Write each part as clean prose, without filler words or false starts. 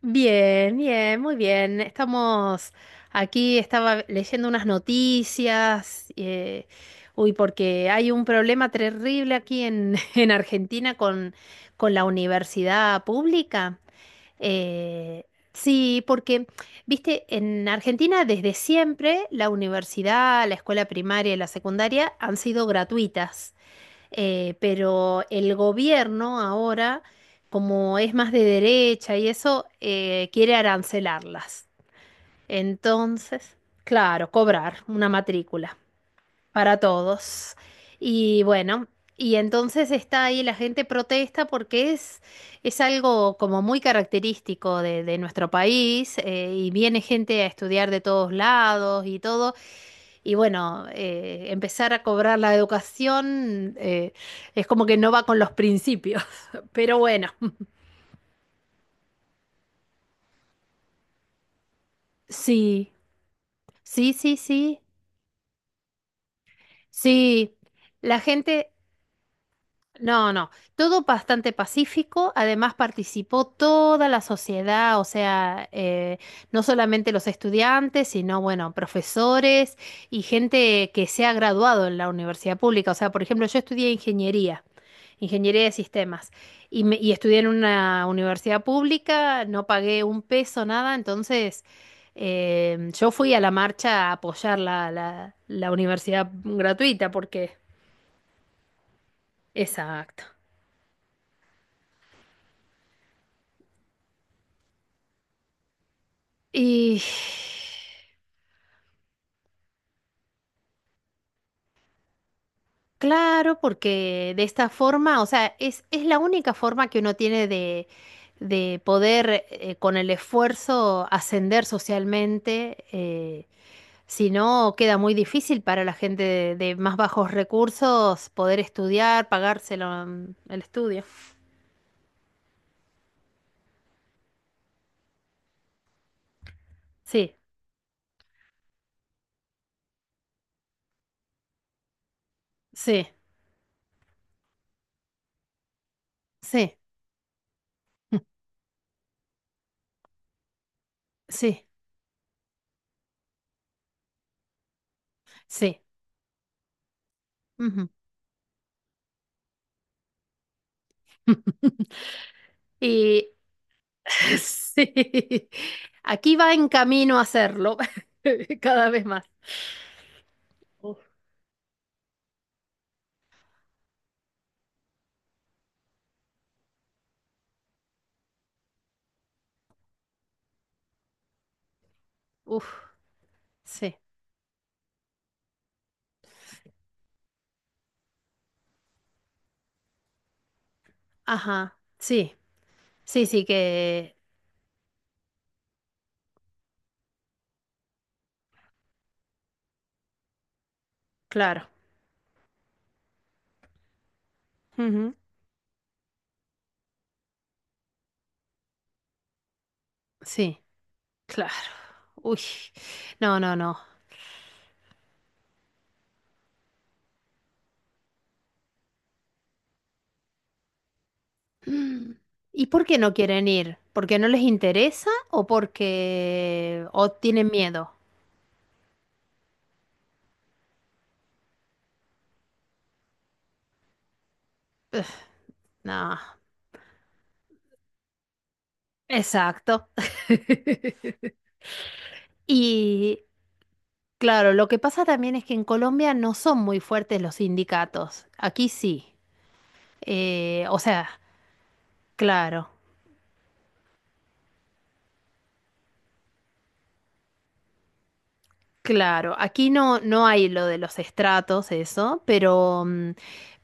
Bien, bien, muy bien. Estamos aquí, estaba leyendo unas noticias, uy, porque hay un problema terrible aquí en, en Argentina con, la universidad pública. Eh, sí, porque, viste, en Argentina desde siempre la universidad, la escuela primaria y la secundaria han sido gratuitas. Pero el gobierno ahora, como es más de derecha y eso, quiere arancelarlas. Entonces, claro, cobrar una matrícula para todos. Y bueno, y entonces está ahí la gente protesta porque es algo como muy característico de nuestro país, y viene gente a estudiar de todos lados y todo. Y bueno, empezar a cobrar la educación, es como que no va con los principios, pero bueno, sí, sí, sí, sí, sí. La gente, No, no, todo bastante pacífico, además participó toda la sociedad, o sea, no solamente los estudiantes, sino, bueno, profesores y gente que se ha graduado en la universidad pública. O sea, por ejemplo, yo estudié ingeniería, ingeniería de sistemas, y estudié en una universidad pública, no pagué un peso, nada, entonces yo fui a la marcha a apoyar la universidad gratuita, porque. Exacto. Y claro, porque de esta forma, o sea, es la única forma que uno tiene de poder, con el esfuerzo ascender socialmente, si no queda muy difícil para la gente de más bajos recursos poder estudiar, pagárselo, el estudio. Sí, sí, sí, sí, sí. Ujú. Y, sí, aquí va en camino a hacerlo cada vez más. Uf, uf, sí, ajá, sí, sí, sí que, claro, ujú, sí, claro, uy, no, no, no. Mm. ¿Y por qué no quieren ir? ¿Porque no les interesa o porque o tienen miedo? No, exacto. Y claro, lo que pasa también es que en Colombia no son muy fuertes los sindicatos. Aquí sí. O sea, claro. Claro, aquí no, no hay lo de los estratos, eso, pero, mm,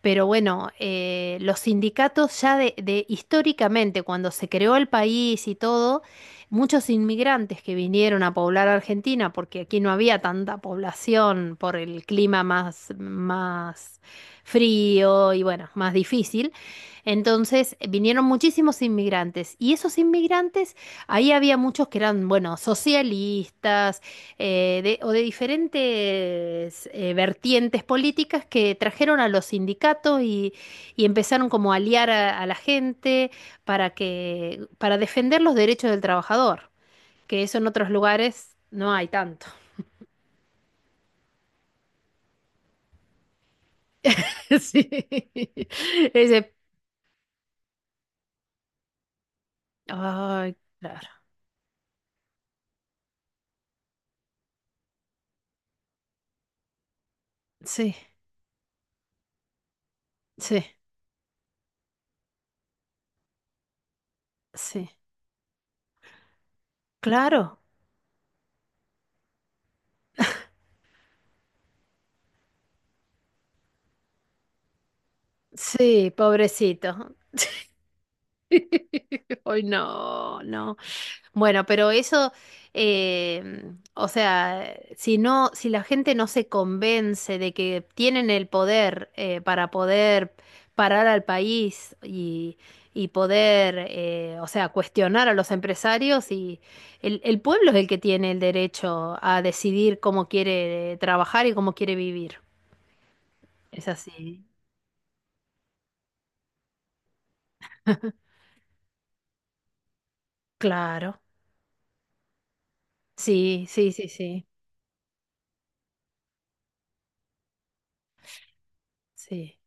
pero bueno, los sindicatos ya históricamente, cuando se creó el país y todo, muchos inmigrantes que vinieron a poblar Argentina, porque aquí no había tanta población por el clima más frío y bueno, más difícil, entonces vinieron muchísimos inmigrantes y esos inmigrantes, ahí había muchos que eran, bueno, socialistas, o de diferentes vertientes políticas que trajeron a los sindicatos y empezaron como a aliar a la gente para defender los derechos del trabajador, que eso en otros lugares no hay tanto. Sí. Ese- ay, claro. Sí, sí, sí. Claro. Sí, pobrecito. Ay, no, no. Bueno, pero eso, o sea, si la gente no se convence de que tienen el poder, para poder parar al país y poder, o sea, cuestionar a los empresarios, y el pueblo es el que tiene el derecho a decidir cómo quiere trabajar y cómo quiere vivir. Es así. Claro. Sí, sí, sí, sí, sí.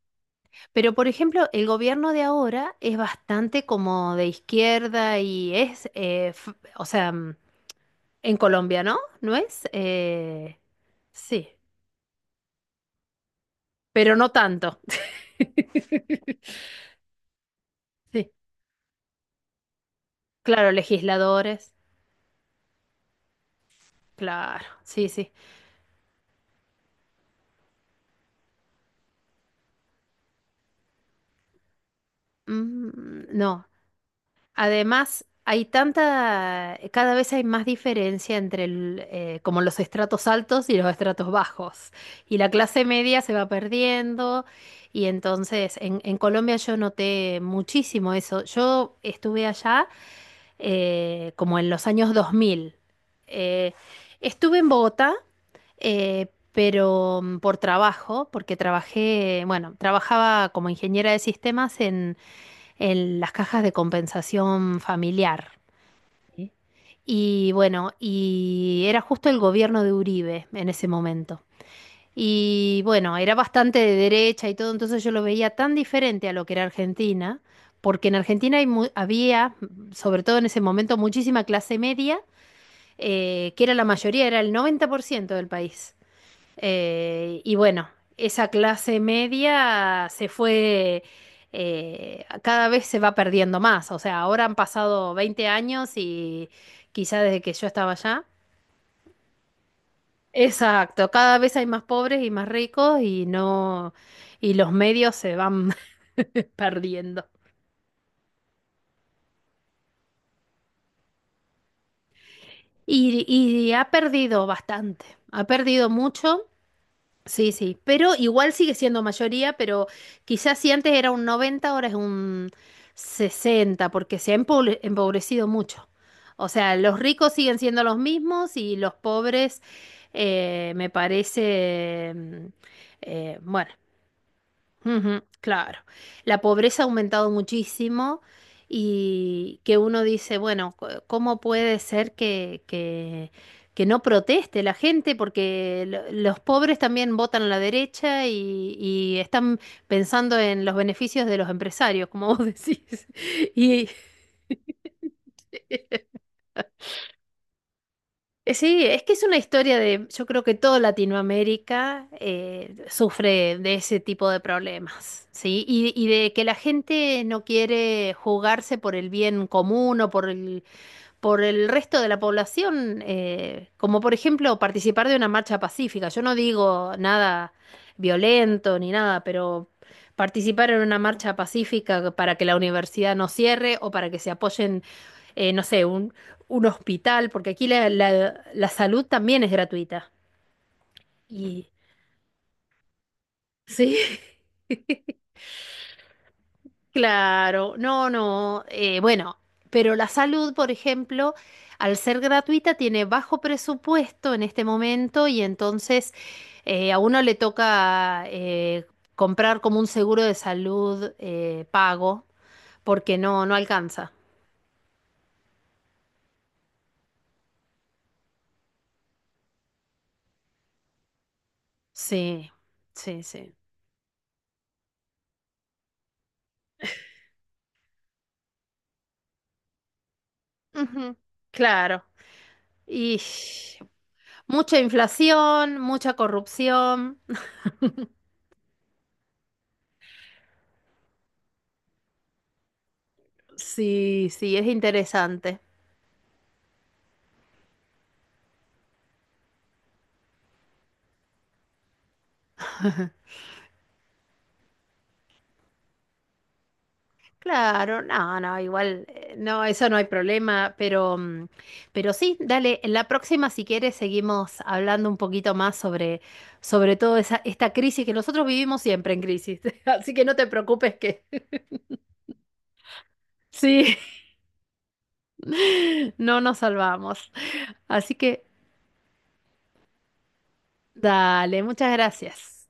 Pero, por ejemplo, el gobierno de ahora es bastante como de izquierda y o sea, en Colombia, ¿no? ¿No es? Sí, pero no tanto. Sí, claro, legisladores, claro, sí, sí. Mm, no. Además, cada vez hay más diferencia entre como los estratos altos y los estratos bajos. Y la clase media se va perdiendo. Y entonces, en Colombia yo noté muchísimo eso. Yo estuve allá, como en los años 2000. Eh, estuve en Bogotá, pero, por trabajo, porque trabajé, bueno, trabajaba como ingeniera de sistemas en las cajas de compensación familiar. Sí. Y bueno, y era justo el gobierno de Uribe en ese momento. Y bueno, era bastante de derecha y todo, entonces yo lo veía tan diferente a lo que era Argentina, porque en Argentina había, sobre todo en ese momento, muchísima clase media, que era la mayoría, era el 90% del país. Y bueno, esa clase media se fue, cada vez se va perdiendo más. O sea, ahora han pasado 20 años y quizá desde que yo estaba allá. Exacto, cada vez hay más pobres y más ricos y no, y los medios se van perdiendo. Y ha perdido bastante, ha perdido mucho. Sí, sí, pero igual sigue siendo mayoría, pero quizás si antes era un 90 ahora es un 60, porque se ha empobrecido mucho. O sea, los ricos siguen siendo los mismos y los pobres, me parece, bueno. Ujú, claro, la pobreza ha aumentado muchísimo y que uno dice, bueno, ¿cómo puede ser que, que no proteste la gente? Porque los pobres también votan a la derecha y están pensando en los beneficios de los empresarios, como vos decís. Y, Sí, es que es una historia de, yo creo que toda Latinoamérica, sufre de ese tipo de problemas, ¿sí? Y de que la gente no quiere jugarse por el bien común o por el resto de la población, como por ejemplo participar de una marcha pacífica. Yo no digo nada violento ni nada, pero participar en una marcha pacífica para que la universidad no cierre o para que se apoyen, no sé, un hospital, porque aquí la salud también es gratuita. Y sí. Claro, no, no, bueno, pero la salud, por ejemplo, al ser gratuita tiene bajo presupuesto en este momento y entonces a uno le toca, comprar como un seguro de salud, pago, porque no alcanza. Sí, sí, sí. Ujú, claro. Y mucha inflación, mucha corrupción. Sí, sí, es interesante. Claro, no, no, igual, no, eso no hay problema, pero, pero sí, dale, en la próxima, si quieres, seguimos hablando un poquito más sobre toda esta crisis, que nosotros vivimos siempre en crisis, así que no te preocupes que sí, no nos salvamos. Así que, dale, muchas gracias.